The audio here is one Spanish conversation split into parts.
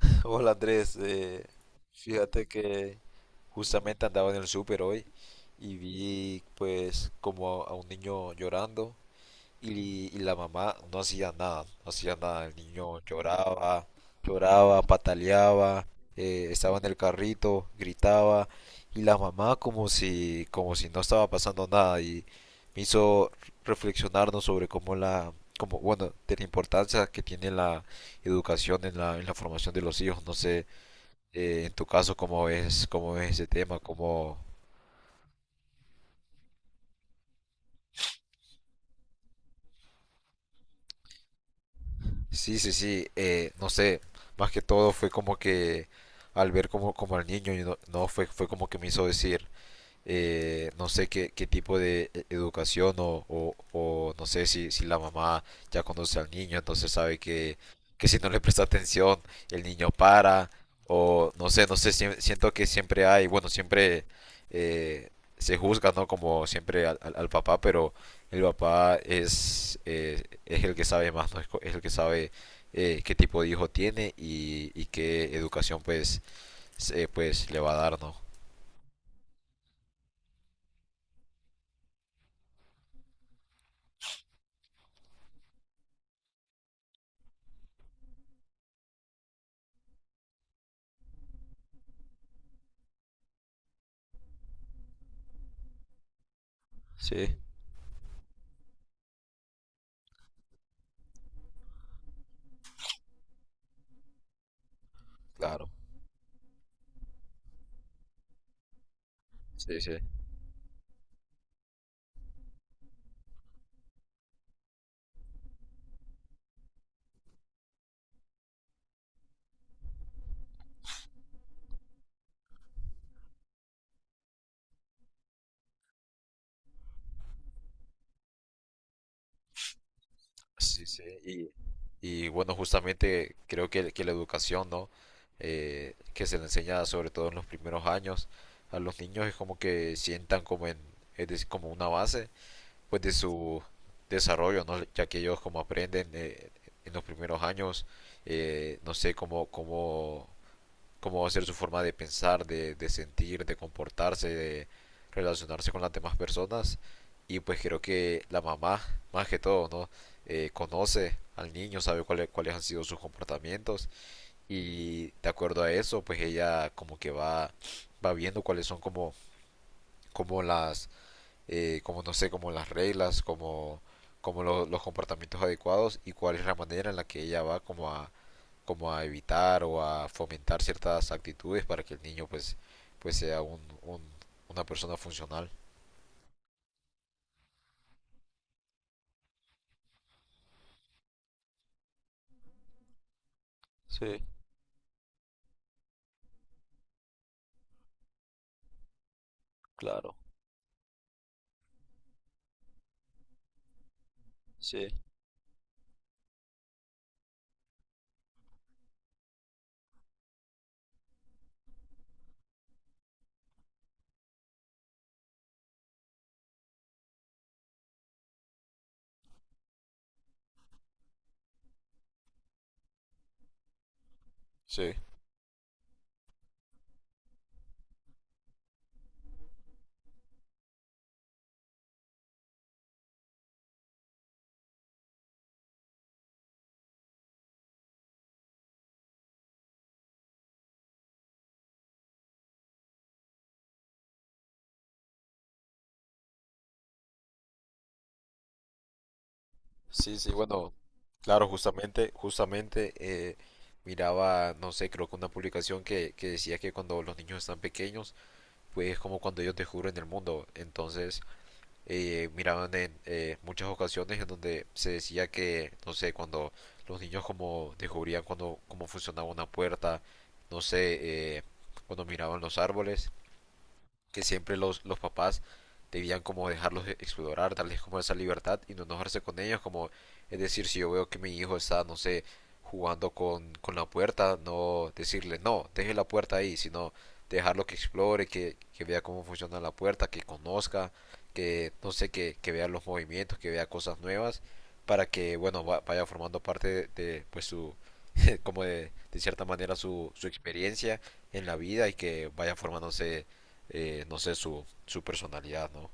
Hola Andrés, fíjate que justamente andaba en el súper hoy y vi pues como a un niño llorando y la mamá no hacía nada, no hacía nada. El niño lloraba, lloraba, pataleaba, estaba en el carrito, gritaba. Y la mamá como si no estaba pasando nada. Y me hizo reflexionarnos sobre bueno, de la importancia que tiene la educación en la formación de los hijos. No sé, en tu caso, cómo es ese tema, cómo, sí, sí, sí, no sé, más que todo fue como que al ver como, como al niño, y no, no, fue, fue como que me hizo decir, no sé qué, qué tipo de educación o no sé si, si la mamá ya conoce al niño, entonces sabe que si no le presta atención, el niño para, o no sé, no sé, siento que siempre hay, bueno, siempre eh, se juzga, ¿no? Como siempre al, al papá, pero el papá es el que sabe más, ¿no? Es, es el que sabe qué tipo de hijo tiene y qué educación pues, pues le va a dar, ¿no? Sí, claro. Sí, sí. Sí, sí, y bueno, justamente creo que la educación, ¿no? Que se le enseña sobre todo en los primeros años a los niños es como que sientan como en, es decir, como una base, pues de su desarrollo, ¿no? Ya que ellos como aprenden en los primeros años, no sé, cómo, cómo va a ser su forma de pensar, de sentir, de comportarse, de relacionarse con las demás personas. Y pues creo que la mamá, más que todo, ¿no? Conoce al niño, sabe cuáles, cuáles han sido sus comportamientos y de acuerdo a eso, pues ella como que va, va viendo cuáles son como, como las, como no sé, como las reglas, como, como los comportamientos adecuados y cuál es la manera en la que ella va como a, como a evitar o a fomentar ciertas actitudes para que el niño pues, pues sea un, una persona funcional. Sí, claro, sí. Sí, sí, sí, bueno, claro, justamente, justamente miraba, no sé, creo que una publicación que decía que cuando los niños están pequeños, pues es como cuando ellos descubren el mundo, entonces miraban en muchas ocasiones en donde se decía que, no sé, cuando los niños como descubrían cuando, cómo funcionaba una puerta, no sé, cuando miraban los árboles, que siempre los papás debían como dejarlos e, explorar, darles como esa libertad y no enojarse con ellos, como es decir, si yo veo que mi hijo está, no sé, jugando con la puerta, no decirle, no, deje la puerta ahí, sino dejarlo que explore, que vea cómo funciona la puerta, que conozca, que no sé, que vea los movimientos, que vea cosas nuevas, para que, bueno, vaya formando parte de, pues su, como de cierta manera su, su experiencia en la vida y que vaya formándose no sé, su personalidad, ¿no?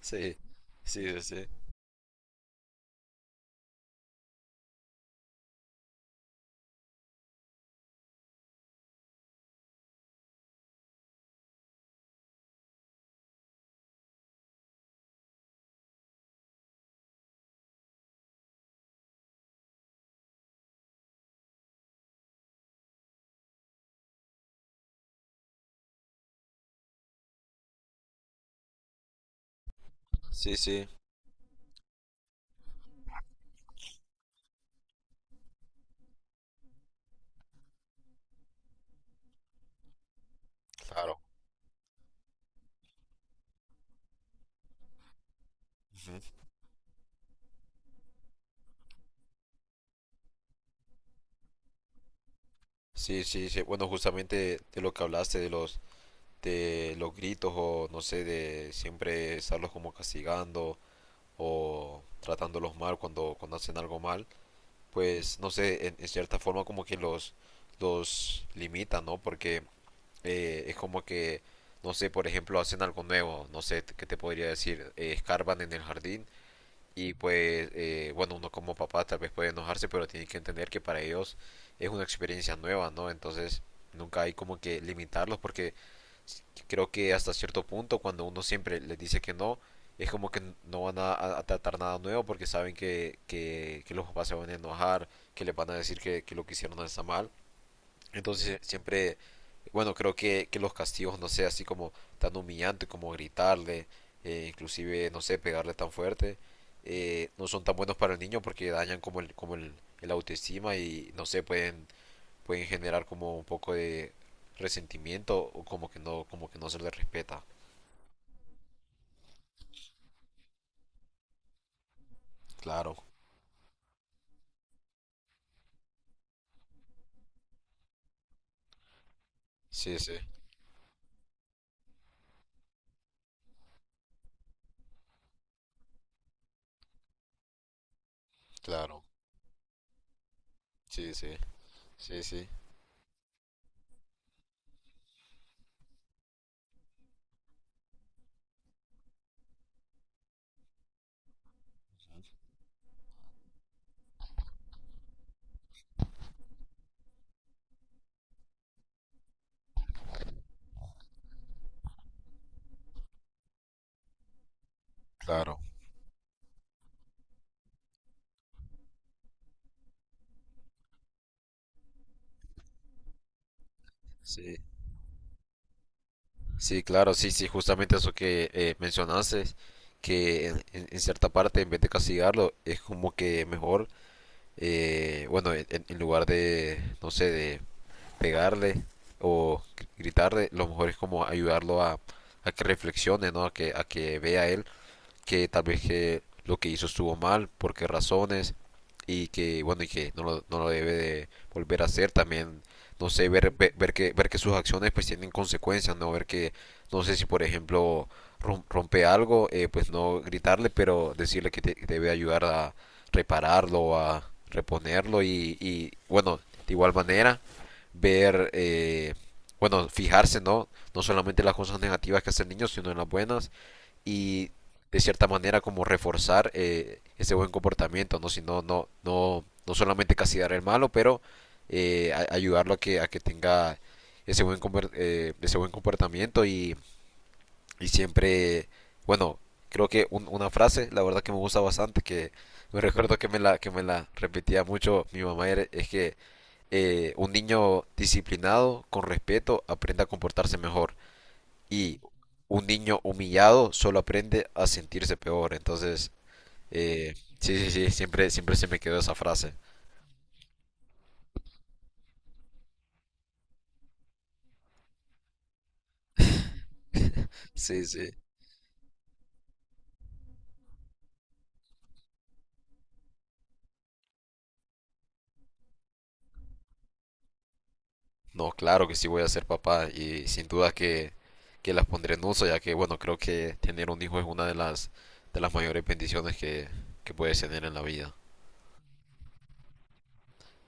Sí, sí, sí, sí, sí. Sí, claro. Ujú. Sí, sí, sí. Bueno, justamente de lo que hablaste, de los gritos o no sé, de siempre estarlos como castigando o tratándolos mal cuando, cuando hacen algo mal, pues no sé, en cierta forma como que los limita, ¿no? Porque es como que, no sé, por ejemplo, hacen algo nuevo, no sé, ¿qué te podría decir? Escarban en el jardín. Y pues, bueno, uno como papá tal vez puede enojarse, pero tiene que entender que para ellos es una experiencia nueva, ¿no? Entonces, nunca hay como que limitarlos porque creo que hasta cierto punto cuando uno siempre les dice que no, es como que no van a, a tratar nada nuevo porque saben que los papás se van a enojar, que les van a decir que lo que hicieron no está mal. Entonces siempre, bueno, creo que los castigos, no sé, así como tan humillante como gritarle, inclusive, no sé, pegarle tan fuerte, no son tan buenos para el niño porque dañan como el autoestima y, no sé, pueden, pueden generar como un poco de resentimiento o como que no se le respeta. Claro, sí, sí, claro, sí, sí, sí, sí, claro, sí. Sí, claro, sí, sí, justamente eso que mencionaste, que en, en cierta parte, en vez de castigarlo, es como que mejor, bueno, en, en lugar de, no sé, de pegarle o gritarle, lo mejor es como ayudarlo a que reflexione, ¿no? A que vea él que tal vez que lo que hizo estuvo mal, por qué razones, y que bueno, y que no lo, no lo debe de volver a hacer también. No sé, ver, ver, ver que sus acciones pues tienen consecuencias, no ver que, no sé si por ejemplo rompe algo, pues no gritarle, pero decirle que, que debe ayudar a repararlo, a reponerlo y, bueno, de igual manera ver, bueno, fijarse, ¿no? No solamente en las cosas negativas que hace el niño, sino en las buenas y de cierta manera como reforzar ese buen comportamiento, ¿no? Si no, no, no, no solamente castigar el malo, pero ayudarlo a que tenga ese buen, ese buen comportamiento y siempre, bueno, creo que una frase, la verdad que me gusta bastante, que me recuerdo que me la repetía mucho mi mamá, es que un niño disciplinado, con respeto, aprende a comportarse mejor. Y un niño humillado solo aprende a sentirse peor. Entonces, eh, sí, sí, sí, siempre, siempre se me quedó esa frase. Sí, sí. No, claro que sí voy a ser papá y sin duda que las pondré en uso, ya que, bueno, creo que tener un hijo es una de las mayores bendiciones que puedes tener en la vida.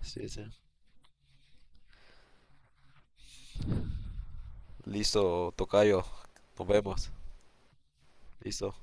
Sí, sí. Listo, tocayo. Nos vemos. Listo.